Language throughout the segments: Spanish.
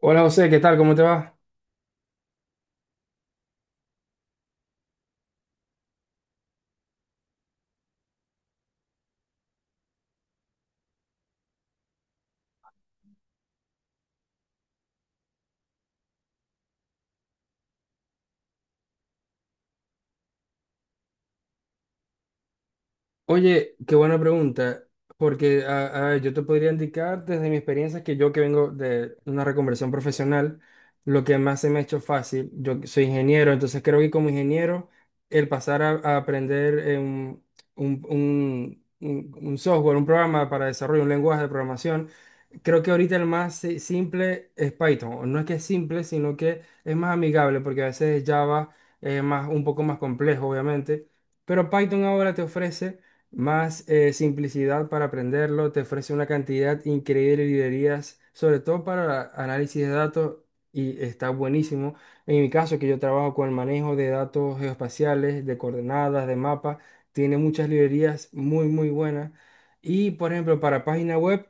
Hola José, ¿qué tal? ¿Cómo te va? Oye, qué buena pregunta, porque a yo te podría indicar desde mi experiencia que yo que vengo de una reconversión profesional, lo que más se me ha hecho fácil. Yo soy ingeniero, entonces creo que como ingeniero el pasar a aprender un, un software, un programa para desarrollo, un lenguaje de programación. Creo que ahorita el más simple es Python. No es que es simple, sino que es más amigable, porque a veces Java es más, un poco más complejo, obviamente. Pero Python ahora te ofrece más simplicidad para aprenderlo, te ofrece una cantidad increíble de librerías, sobre todo para análisis de datos, y está buenísimo. En mi caso, que yo trabajo con el manejo de datos geoespaciales, de coordenadas, de mapas, tiene muchas librerías muy, muy buenas. Y, por ejemplo, para página web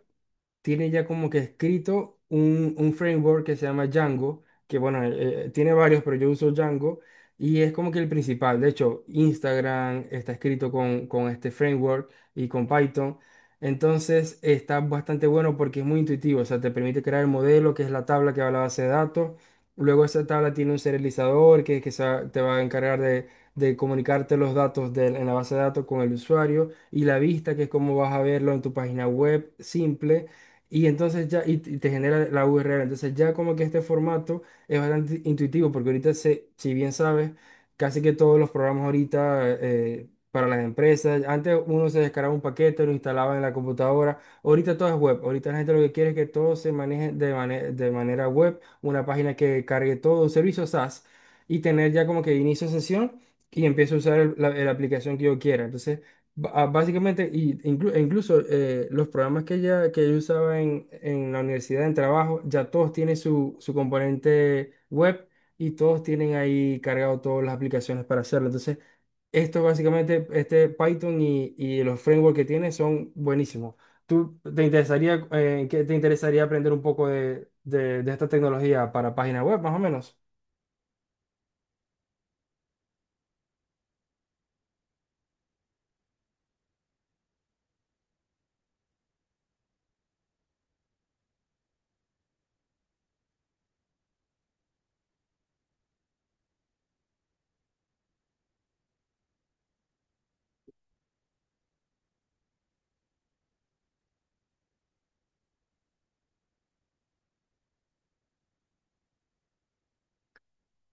tiene ya como que escrito un framework que se llama Django, que bueno, tiene varios, pero yo uso Django y es como que el principal. De hecho, Instagram está escrito con este framework y con Python. Entonces está bastante bueno porque es muy intuitivo. O sea, te permite crear el modelo, que es la tabla que va a la base de datos. Luego esa tabla tiene un serializador que te va a encargar de comunicarte los datos en la base de datos con el usuario y la vista, que es como vas a verlo en tu página web simple. Y entonces ya, y te genera la URL. Entonces ya como que este formato es bastante intuitivo, porque ahorita, si bien sabes, casi que todos los programas ahorita para las empresas, antes uno se descargaba un paquete, lo instalaba en la computadora, ahorita todo es web, ahorita la gente lo que quiere es que todo se maneje de, de manera web, una página que cargue todo, un servicio SaaS, y tener ya como que inicio sesión y empiezo a usar la aplicación que yo quiera. Entonces básicamente, y e incluso los programas que yo usaba en la universidad, en trabajo, ya todos tienen su componente web y todos tienen ahí cargado todas las aplicaciones para hacerlo. Entonces, esto básicamente, este Python y los frameworks que tiene son buenísimos. ¿Tú te interesaría, que te interesaría aprender un poco de esta tecnología para página web, más o menos?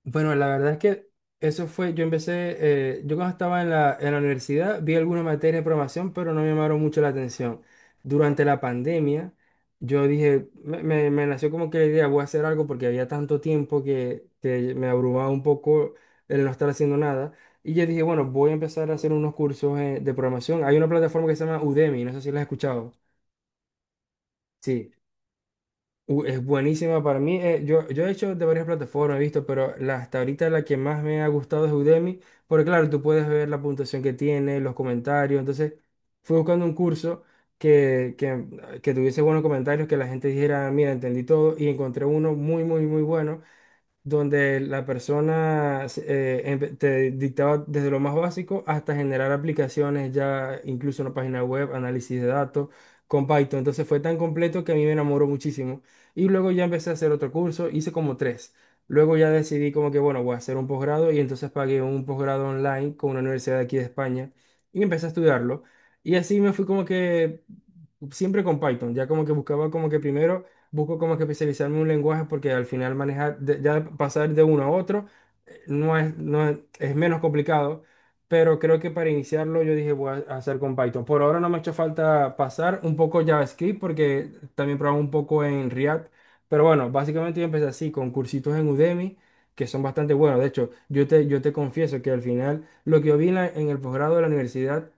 Bueno, la verdad es que eso fue, yo empecé, yo cuando estaba en la universidad vi alguna materia de programación, pero no me llamaron mucho la atención. Durante la pandemia, yo dije, me nació como que la idea, voy a hacer algo porque había tanto tiempo que me abrumaba un poco el no estar haciendo nada. Y yo dije, bueno, voy a empezar a hacer unos cursos de programación. Hay una plataforma que se llama Udemy, no sé si la has escuchado. Sí. Es buenísima para mí. Yo he hecho de varias plataformas, he visto, pero la, hasta ahorita la que más me ha gustado es Udemy, porque claro, tú puedes ver la puntuación que tiene, los comentarios. Entonces, fui buscando un curso que, que, que tuviese buenos comentarios, que la gente dijera, mira, entendí todo, y encontré uno muy, muy, muy bueno donde la persona te dictaba desde lo más básico hasta generar aplicaciones, ya incluso una página web, análisis de datos con Python. Entonces fue tan completo que a mí me enamoró muchísimo. Y luego ya empecé a hacer otro curso, hice como tres. Luego ya decidí como que, bueno, voy a hacer un posgrado y entonces pagué un posgrado online con una universidad de aquí de España y empecé a estudiarlo. Y así me fui como que siempre con Python, ya como que buscaba como que primero busco como que especializarme en un lenguaje porque al final manejar, ya pasar de uno a otro, no es, no es, es menos complicado, pero creo que para iniciarlo yo dije voy a hacer con Python. Por ahora no me ha hecho falta pasar un poco JavaScript porque también probaba un poco en React, pero bueno, básicamente yo empecé así, con cursitos en Udemy, que son bastante buenos. De hecho, yo te confieso que al final lo que yo vi en el posgrado de la universidad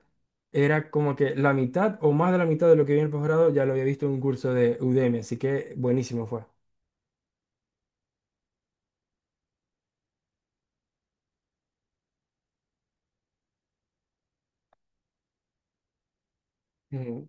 era como que la mitad o más de la mitad de lo que vi en el posgrado ya lo había visto en un curso de Udemy, así que buenísimo fue. Mm.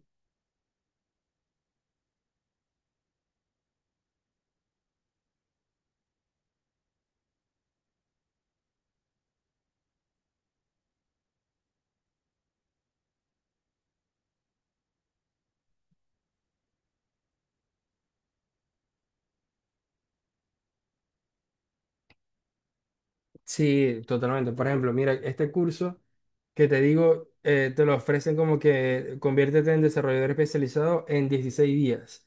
Sí, totalmente. Por ejemplo, mira, este curso que te digo, te lo ofrecen como que conviértete en desarrollador especializado en 16 días.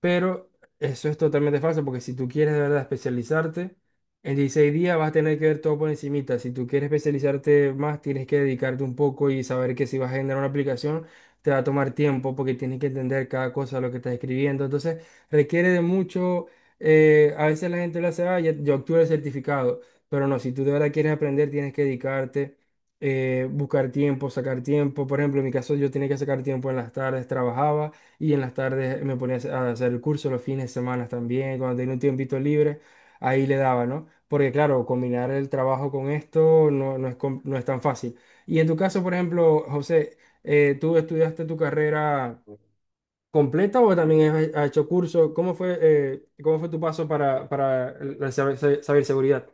Pero eso es totalmente falso, porque si tú quieres de verdad especializarte, en 16 días vas a tener que ver todo por encimita. Si tú quieres especializarte más, tienes que dedicarte un poco y saber que si vas a generar una aplicación, te va a tomar tiempo porque tienes que entender cada cosa, lo que estás escribiendo. Entonces, requiere de mucho, a veces la gente lo hace, ah, yo obtuve el certificado, pero no, si tú de verdad quieres aprender, tienes que dedicarte. Buscar tiempo, sacar tiempo. Por ejemplo, en mi caso yo tenía que sacar tiempo en las tardes, trabajaba y en las tardes me ponía a hacer el curso, los fines de semana también, cuando tenía un tiempito libre, ahí le daba, ¿no? Porque claro, combinar el trabajo con esto no, no es, no es tan fácil. Y en tu caso, por ejemplo, José, ¿tú estudiaste tu carrera completa o también has, has hecho curso? Cómo fue tu paso para la ciberseguridad?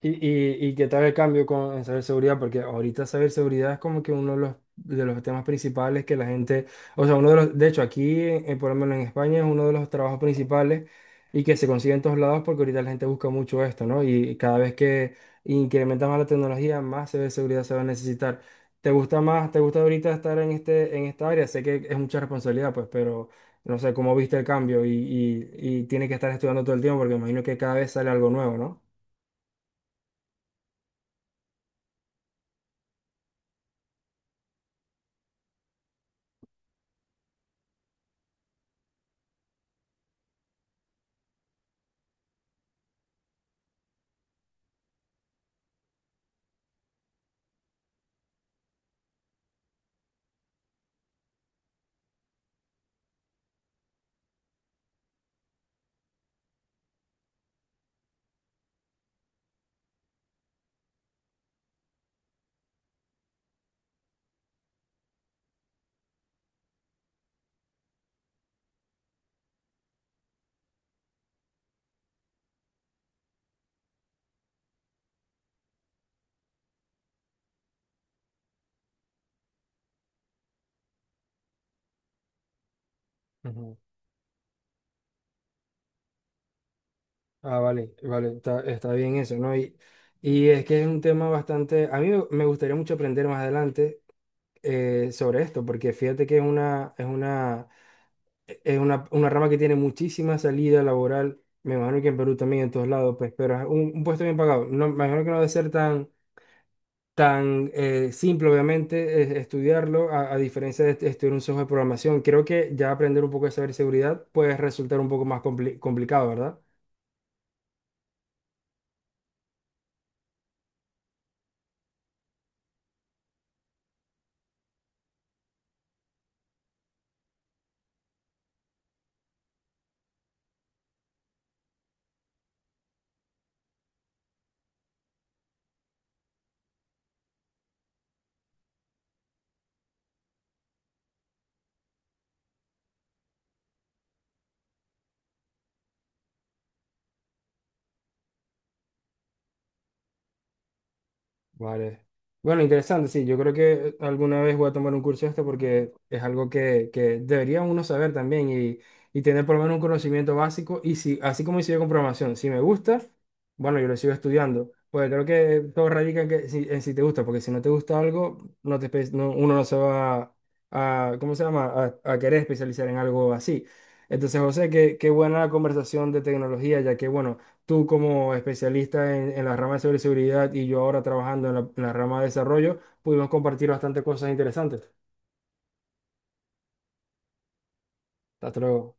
Y qué tal el cambio con, en ciberseguridad? Porque ahorita ciberseguridad es como que uno de los temas principales que la gente, o sea, uno de los, de hecho aquí, por lo menos en España, es uno de los trabajos principales y que se consigue en todos lados porque ahorita la gente busca mucho esto, ¿no? Y cada vez que incrementa más la tecnología, más ciberseguridad se va a necesitar. ¿Te gusta más, te gusta ahorita estar en este, en esta área? Sé que es mucha responsabilidad, pues, pero no sé cómo viste el cambio y, y tienes que estar estudiando todo el tiempo porque me imagino que cada vez sale algo nuevo, ¿no? Ujú. Ah, vale, vale, está, está bien eso, ¿no? Y es que es un tema bastante, a mí me me gustaría mucho aprender más adelante sobre esto, porque fíjate que es una, es una, es una rama que tiene muchísima salida laboral, me imagino que en Perú también, en todos lados, pues, pero es un puesto bien pagado, no, me imagino que no debe ser tan, tan simple, obviamente, estudiarlo. A, a diferencia de estudiar un software de programación, creo que ya aprender un poco de ciberseguridad puede resultar un poco más complicado, ¿verdad? Vale. Bueno, interesante, sí. Yo creo que alguna vez voy a tomar un curso de esto porque es algo que debería uno saber también y tener por lo menos un conocimiento básico. Y si, así como hice yo con programación, si me gusta, bueno, yo lo sigo estudiando. Pues creo que todo radica en, que, si, en si te gusta, porque si no te gusta algo, no te, uno no se va a, ¿cómo se llama? A querer especializar en algo así. Entonces, José, qué, qué buena la conversación de tecnología, ya que, bueno, tú como especialista en la rama de ciberseguridad y yo ahora trabajando en la rama de desarrollo, pudimos compartir bastantes cosas interesantes. Hasta luego.